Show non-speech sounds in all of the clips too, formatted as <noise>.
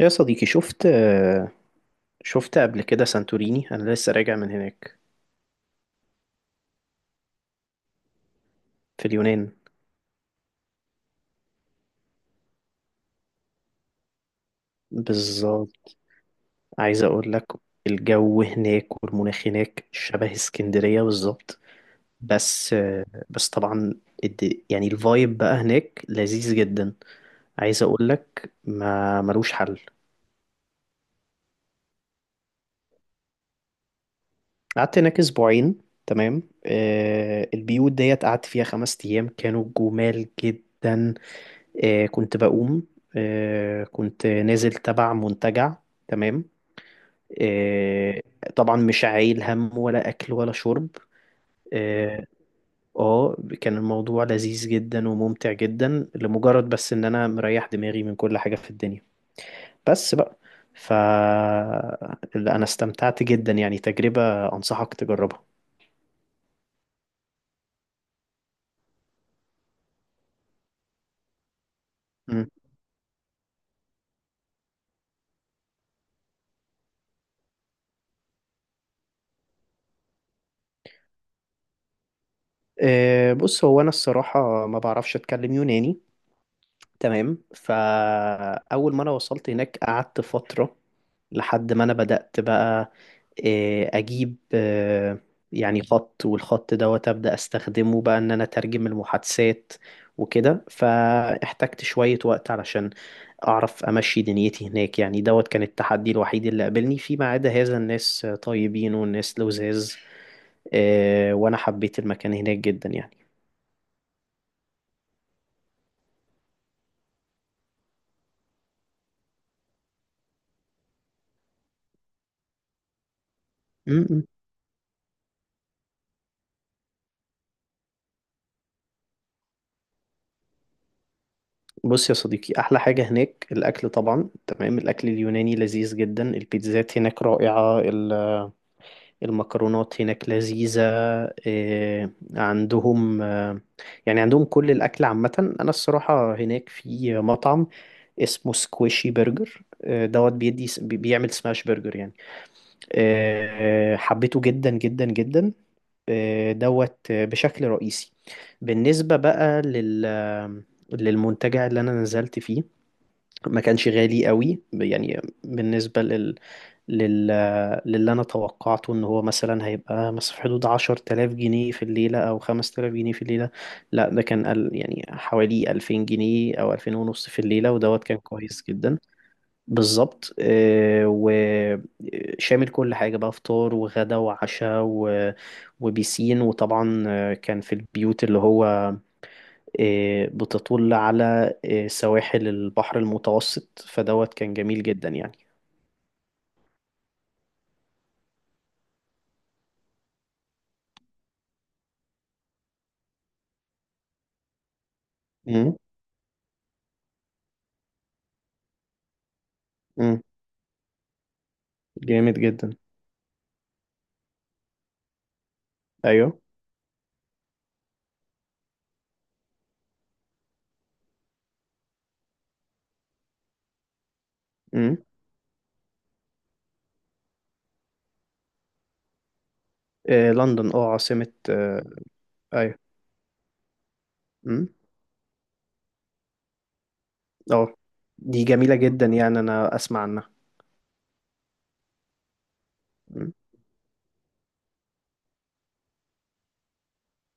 يا صديقي شفت قبل كده سانتوريني، انا لسه راجع من هناك. في اليونان. بالظبط. عايز اقول لك، الجو هناك والمناخ هناك شبه اسكندرية بالظبط. بس بس طبعا يعني الفايب بقى هناك لذيذ جدا. عايز اقول لك ما ملوش حل. قعدت هناك اسبوعين. تمام. البيوت ديت قعدت فيها 5 ايام كانوا جمال جدا. كنت بقوم. كنت نازل تبع منتجع. تمام. آه، طبعا مش عايل هم ولا أكل ولا شرب. اه. آه، كان الموضوع لذيذ جدا وممتع جدا، لمجرد بس إن أنا مريح دماغي من كل حاجة في الدنيا. بس بقى. ف لا، أنا استمتعت جدا يعني، تجربة أنصحك تجربها. مم. بص، هو أنا الصراحة ما بعرفش أتكلم يوناني. تمام، فأول ما أنا وصلت هناك قعدت فترة لحد ما انا بدأت بقى اجيب يعني خط، والخط دوت ابدا استخدمه بقى ان انا اترجم المحادثات وكده. فاحتجت شوية وقت علشان اعرف امشي دنيتي هناك. يعني دوت كان التحدي الوحيد اللي قابلني، فيما عدا هذا الناس طيبين والناس لذاذ. وانا حبيت المكان هناك جدا يعني. م- م. بص يا صديقي، احلى حاجة هناك الاكل طبعا. تمام. الاكل اليوناني لذيذ جدا، البيتزات هناك رائعة، المكرونات هناك لذيذة. إيه، عندهم يعني عندهم كل الأكل عامة. أنا الصراحة هناك في مطعم اسمه سكويشي برجر دوت بيدي بيعمل سماش برجر يعني. حبيته جدا جدا جدا دوت بشكل رئيسي. بالنسبة بقى للمنتجع اللي أنا نزلت فيه، ما كانش غالي قوي يعني. بالنسبة لل... للي أنا توقعته، إن هو مثلا هيبقى مثلا في حدود 10000 جنيه في الليلة أو 5000 جنيه في الليلة. لا، ده كان يعني حوالي 2000 جنيه أو 2500 في الليلة، ودوت كان كويس جدا. بالظبط. وشامل كل حاجة بقى، فطار وغدا وعشاء وبيسين. وطبعا كان في البيوت اللي هو بتطل على سواحل البحر المتوسط. فدوت كان جميل جدا يعني. امم. امم. جامد جدا. ايوه. امم. آه لندن. اه عاصمة ايوه. امم. اه. دي جميلة جدا يعني، انا اسمع عنها. امم.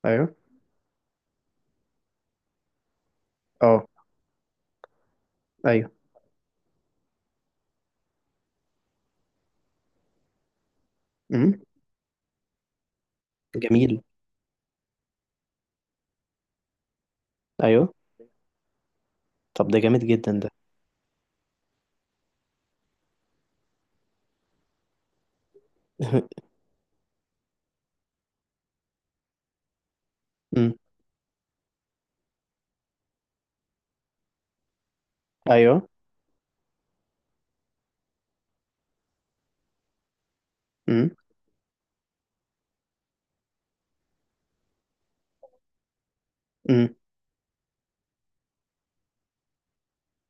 ايوه. اه. ايوه. امم. جميل. ايوه. طب ده جامد جدا ده. <laughs> امم. ايوه. امم. امم.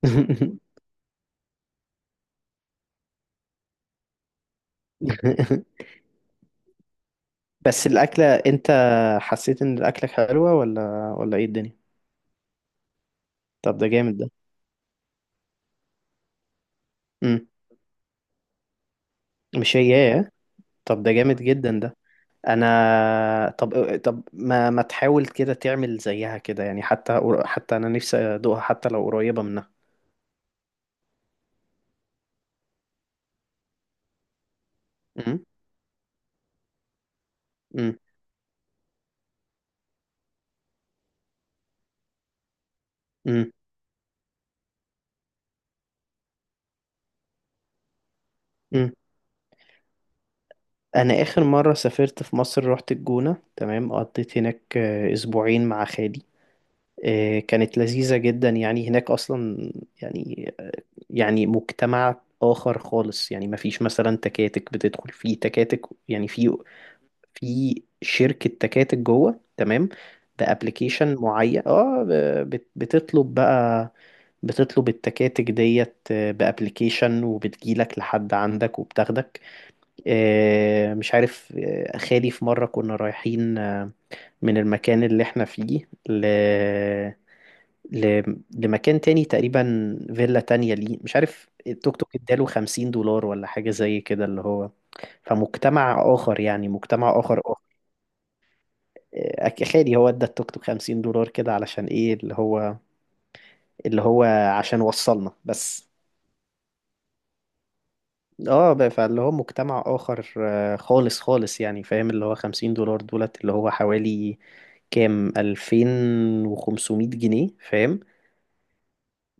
<laughs> بس الأكلة انت حسيت ان الأكلة حلوة ولا ايه الدنيا؟ طب ده جامد ده. امم. مش هي. طب ده جامد جدا ده. انا طب طب ما تحاول كده تعمل زيها كده يعني، حتى انا نفسي ادوقها حتى لو قريبة منها. أم، أم، أم، أم. انا اخر مرة سافرت في مصر رحت الجونة. تمام. قضيت هناك اسبوعين مع خالي. كانت لذيذة جدا يعني. هناك اصلا يعني يعني مجتمع آخر خالص. يعني مفيش مثلا تكاتك بتدخل فيه تكاتك. يعني في شركة تكاتك جوه. تمام. بأبليكيشن معين. اه، بتطلب بقى، بتطلب التكاتك ديت بأبليكيشن، وبتجيلك لحد عندك وبتاخدك. مش عارف، خالي في مرة كنا رايحين من المكان اللي احنا فيه ل... لمكان تاني، تقريبا فيلا تانية ليه مش عارف. التوك توك اداله 50 دولار ولا حاجة زي كده، اللي هو. فمجتمع آخر يعني، مجتمع آخر. خالي هو ادى التوك توك 50 دولار كده علشان ايه، اللي هو عشان وصلنا بس. اه، فاللي هو مجتمع اخر خالص يعني، فاهم. اللي هو 50 دولار دولت، اللي هو حوالي كام 2500 جنيه، فاهم.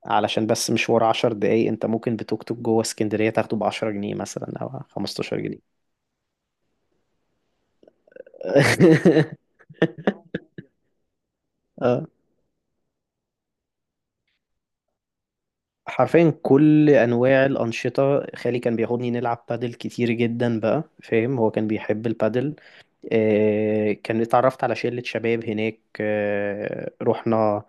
علشان بس مشوار 10 دقايق. انت ممكن بتوك توك جوه اسكندرية تاخده ب 10 جنيه مثلا او 15 جنيه. <laughs> حرفيا كل انواع الانشطه. خالي كان بياخدني نلعب بادل كتير جدا بقى، فاهم. هو كان بيحب البادل. آه، كان اتعرفت على شله شباب هناك. آه، رحنا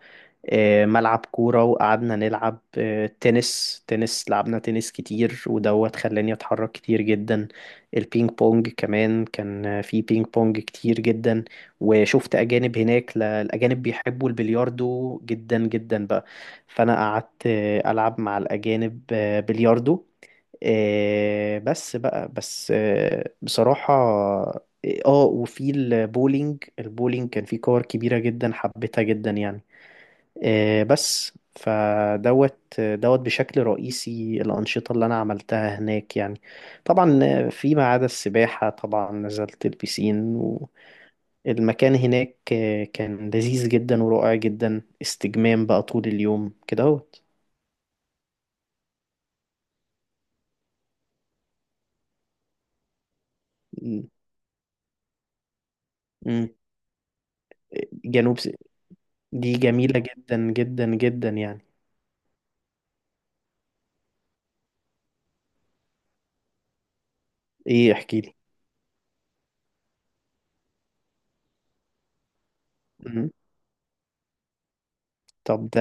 ملعب كورة، وقعدنا نلعب تنس. لعبنا تنس كتير، ودوت خلاني أتحرك كتير جدا. البينج بونج كمان كان في بينج بونج كتير جدا. وشفت أجانب هناك، الأجانب بيحبوا البلياردو جدا جدا بقى. فأنا قعدت ألعب مع الأجانب بلياردو بس بصراحة اه. وفي البولينج. البولينج كان في كور كبيرة جدا، حبيتها جدا يعني. بس فدوت بشكل رئيسي الأنشطة اللي أنا عملتها هناك يعني. طبعا فيما عدا السباحة طبعا، نزلت البسين. والمكان هناك كان لذيذ جدا ورائع جدا، استجمام بقى طول اليوم كده اهوت. م- م. جنوب س- دي جميلة جدا جدا جدا يعني. ايه، احكي لي. م. طب ده.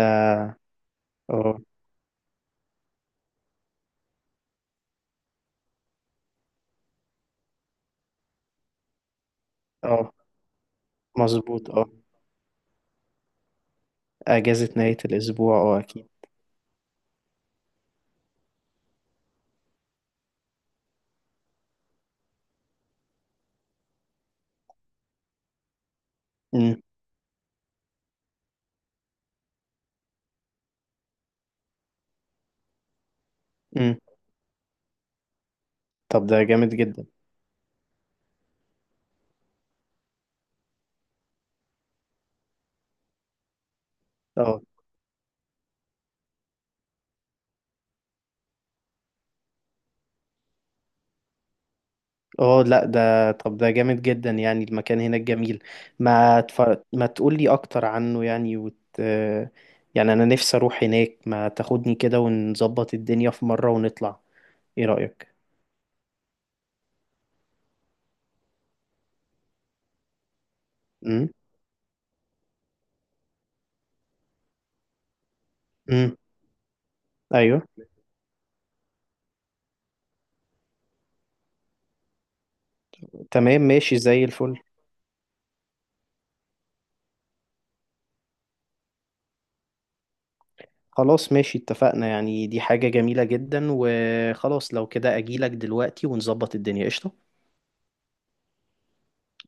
اه. اه. مظبوط اه. أجازة نهاية الأسبوع اه أكيد. م. م. طب ده جامد جدا. اه. اه. لا ده، طب ده جامد جدا يعني، المكان هناك جميل. ما تف... ما تقولي اكتر عنه يعني، يعني انا نفسي اروح هناك. ما تاخدني كده، ونظبط الدنيا في مرة ونطلع. ايه رأيك؟ امم. امم. ايوه. تمام ماشي زي الفل. خلاص ماشي، اتفقنا يعني، دي حاجة جميلة جدا، وخلاص لو كده اجيلك دلوقتي ونظبط الدنيا قشطة.